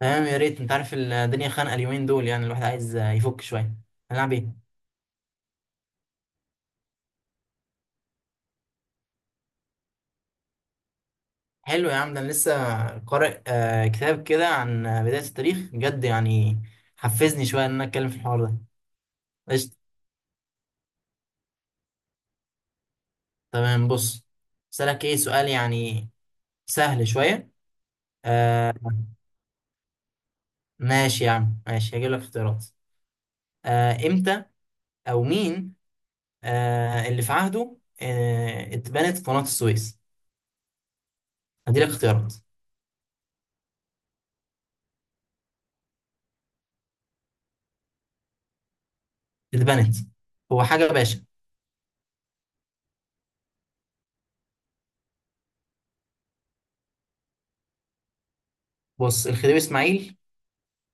تمام، يا ريت. انت عارف الدنيا خانقه اليومين دول، يعني الواحد عايز يفك شويه. هنلعب ايه؟ حلو يا عم، ده انا لسه قارئ كتاب كده عن بدايه التاريخ، بجد يعني حفزني شويه ان انا اتكلم في الحوار ده. قشطه. تمام، بص. اسالك ايه؟ سؤال يعني سهل شويه. آه، ماشي يا عم، ماشي، هجيب لك اختيارات. امتى او مين اللي في عهده اتبنت قناه السويس؟ هدي لك اختيارات. اتبنت. هو حاجه باشا. بص، الخديوي اسماعيل،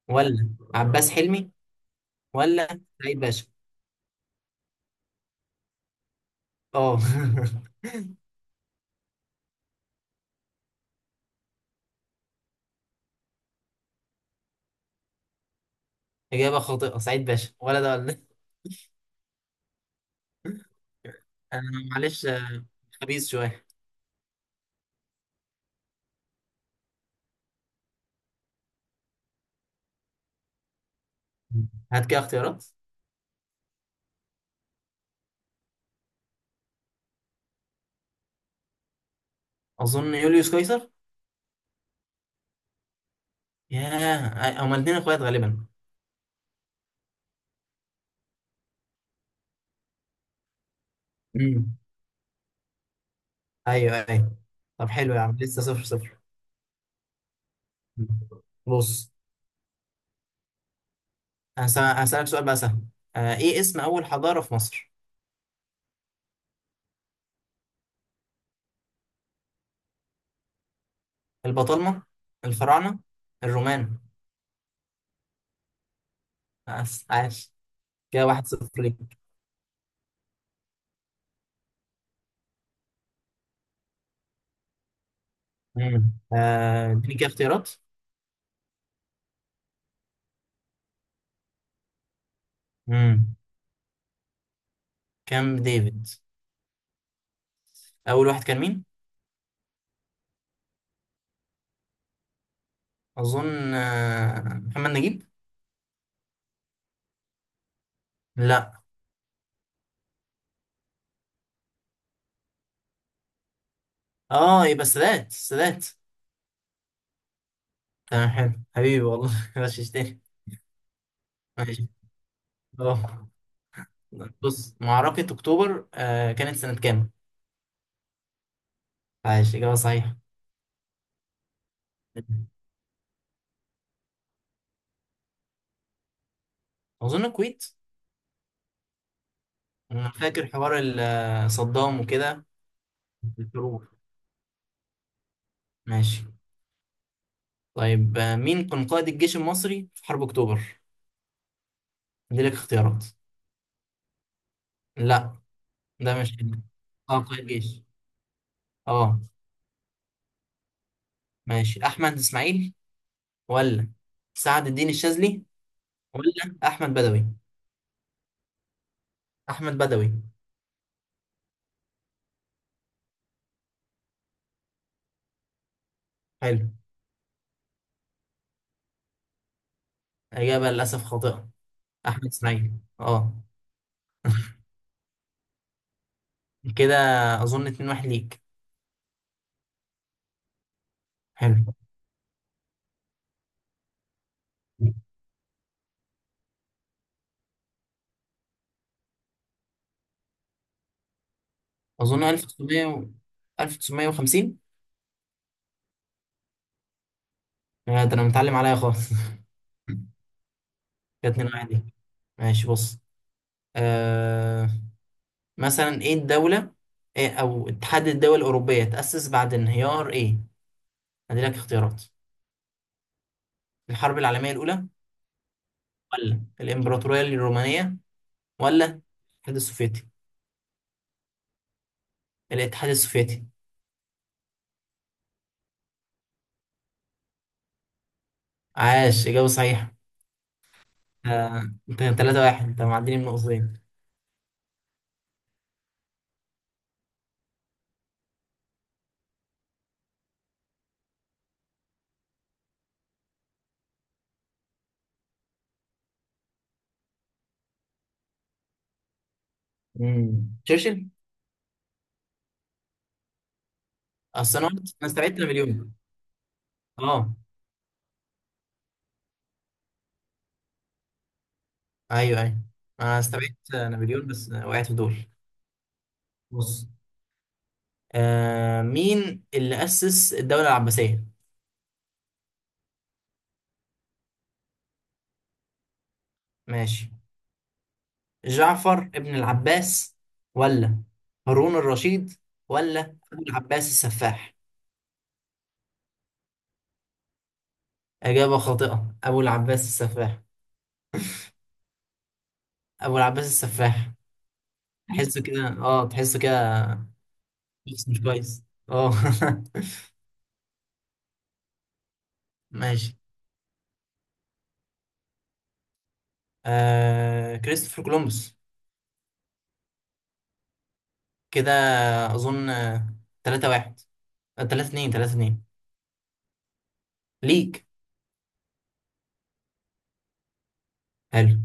ولا عباس حلمي، ولا سعيد باشا؟ اه. إجابة خاطئة، سعيد باشا، ولا ده ولا ده. أنا، معلش، خبيث شوية. هات كده اختيارات. أظن يوليوس قيصر. ياه، هما الاتنين إخوات غالبا. امم أيوه، أيوه. طب حلو يا عم، لسه 0-0. بص، هسألك سؤال بقى سهل. إيه اسم أول حضارة في مصر؟ البطالمة، الفراعنة، الرومان. بس عاش. كده 1-0 ليك. مم. اديني كده اختيارات. امم كام ديفيد. اول واحد كان مين؟ اظن محمد نجيب. لا، اه، يبقى السادات، السادات. تمام، حلو حبيبي والله. غششتني. ماشي. اه، بص، معركة اكتوبر كانت سنة كام؟ عايش، اجابة صحيحة. اظن الكويت. انا فاكر حوار صدام وكده، الحروب. ماشي. طيب، مين كان قائد الجيش المصري في حرب اكتوبر؟ دي لك اختيارات. لا، ده مش، اه، قائد جيش، اه. ماشي، احمد اسماعيل، ولا سعد الدين الشاذلي، ولا احمد بدوي؟ احمد بدوي. حلو. اجابه للاسف خاطئه، احمد اسماعيل. اه. كده اظن 2 1 ليك. حلو. اظن 1900 1950. ده انا متعلم عليا خالص. كده 2 1 ليك. ماشي، بص. آه مثلا، ايه الدوله، إيه، او اتحاد الدول الاوروبيه تاسس بعد انهيار ايه؟ هدي لك اختيارات. الحرب العالميه الاولى، ولا الامبراطوريه الرومانيه، ولا الاتحاد السوفيتي؟ الاتحاد السوفيتي. عاش، إجابة صحيحة. انت 3-1. انت معديني من نقطتين. مم. تشرشل. اصل انا قلت انا استبعدت نابليون. اه. ايوه، ايوه. انا استبعدت نابليون بس وقعت في دول. بص، مين اللي اسس الدوله العباسيه؟ ماشي، جعفر ابن العباس، ولا هارون الرشيد، ولا ابو العباس السفاح؟ اجابه خاطئه، ابو العباس السفاح. ابو العباس السفاح. تحسه كده، اه، تحسه كده. شخص مش كويس. اه. ماشي، كريستوفر كولومبوس. كده اظن 3-1. 3-2، 3-2 ليك. حلو.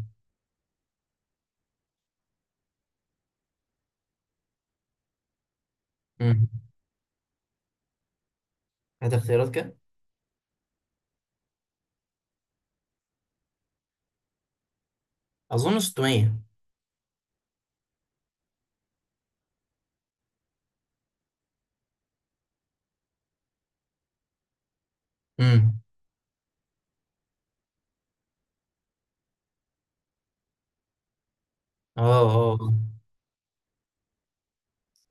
امم هات اختيارات. كده اظن 600. امم اه، اه، آه.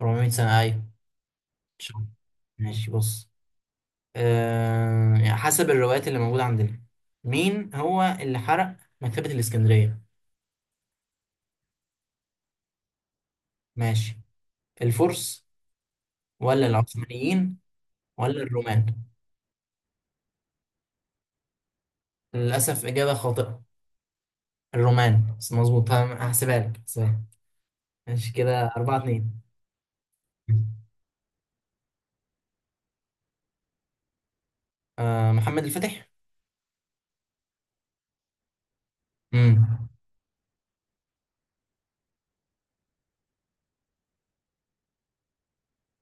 400 سنة، ايوه إن شاء الله. ماشي، بص. يعني حسب الروايات اللي موجودة عندنا، مين هو اللي حرق مكتبة الإسكندرية؟ ماشي، الفرس، ولا العثمانيين، ولا الرومان؟ للأسف إجابة خاطئة. الرومان، بس مظبوط. هحسبها لك، هحسبها لك. ماشي، كده 4-2. محمد الفاتح. امم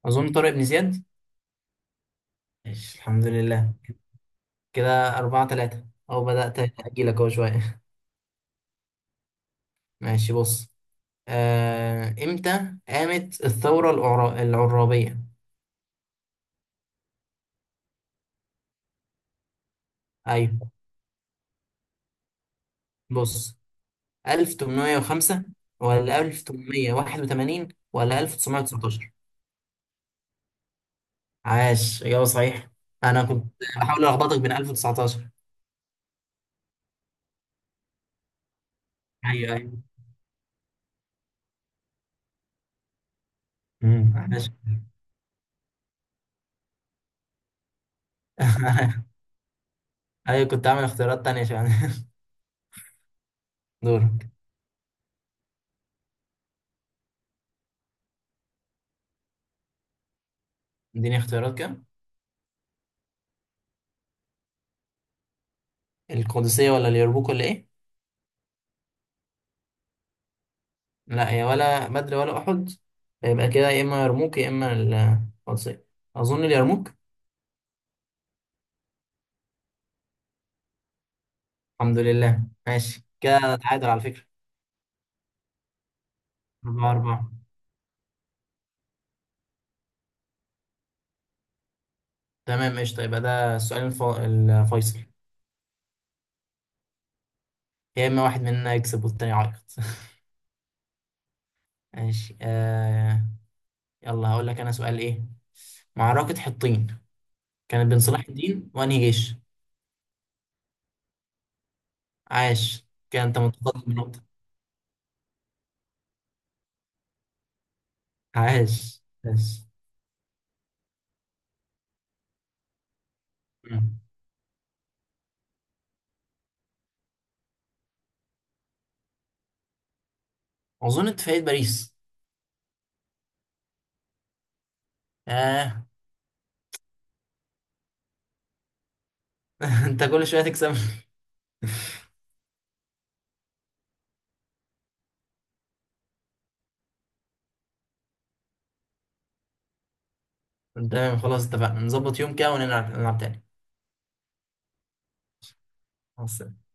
أظن طارق بن زياد. ماشي، الحمد لله. كده 4-3، أو بدأت أجيلك أهو شوية. ماشي، بص. إمتى قامت الثورة العرابية؟ أيوة، بص. 1805، ولا 1881، ولا 1919؟ عاش، إجابة صحيحة. أنا كنت بحاول ألخبطك بين 1019. ايوه، ايوه. امم احنا ش... ايوه، كنت عامل اختيارات تانية عشان. دورك. اديني اختيارات كام؟ القدسية، ولا اليرموك، ولا ايه؟ لا، هي ولا بدر ولا احد. يبقى كده يا اما يرموك يا اما القدسية. اظن اليرموك. الحمد لله. ماشي، كده نتعادل على فكرة. 4-4. تمام، قشطة. يبقى ده السؤال الفيصل. يا اما واحد مننا يكسب، والتاني يعيط. ماشي. يلا هقول لك انا سؤال. ايه معركة حطين كانت بين صلاح الدين وانهي جيش؟ عاش، كده انت متقدم بنقطة. عاش، عاش. مم. اظن انت في عيد باريس. آه. انت كل شوية تكسب. تمام، خلاص اتفقنا. نظبط يوم كده ونلعب نلعب تاني. مع السلامة.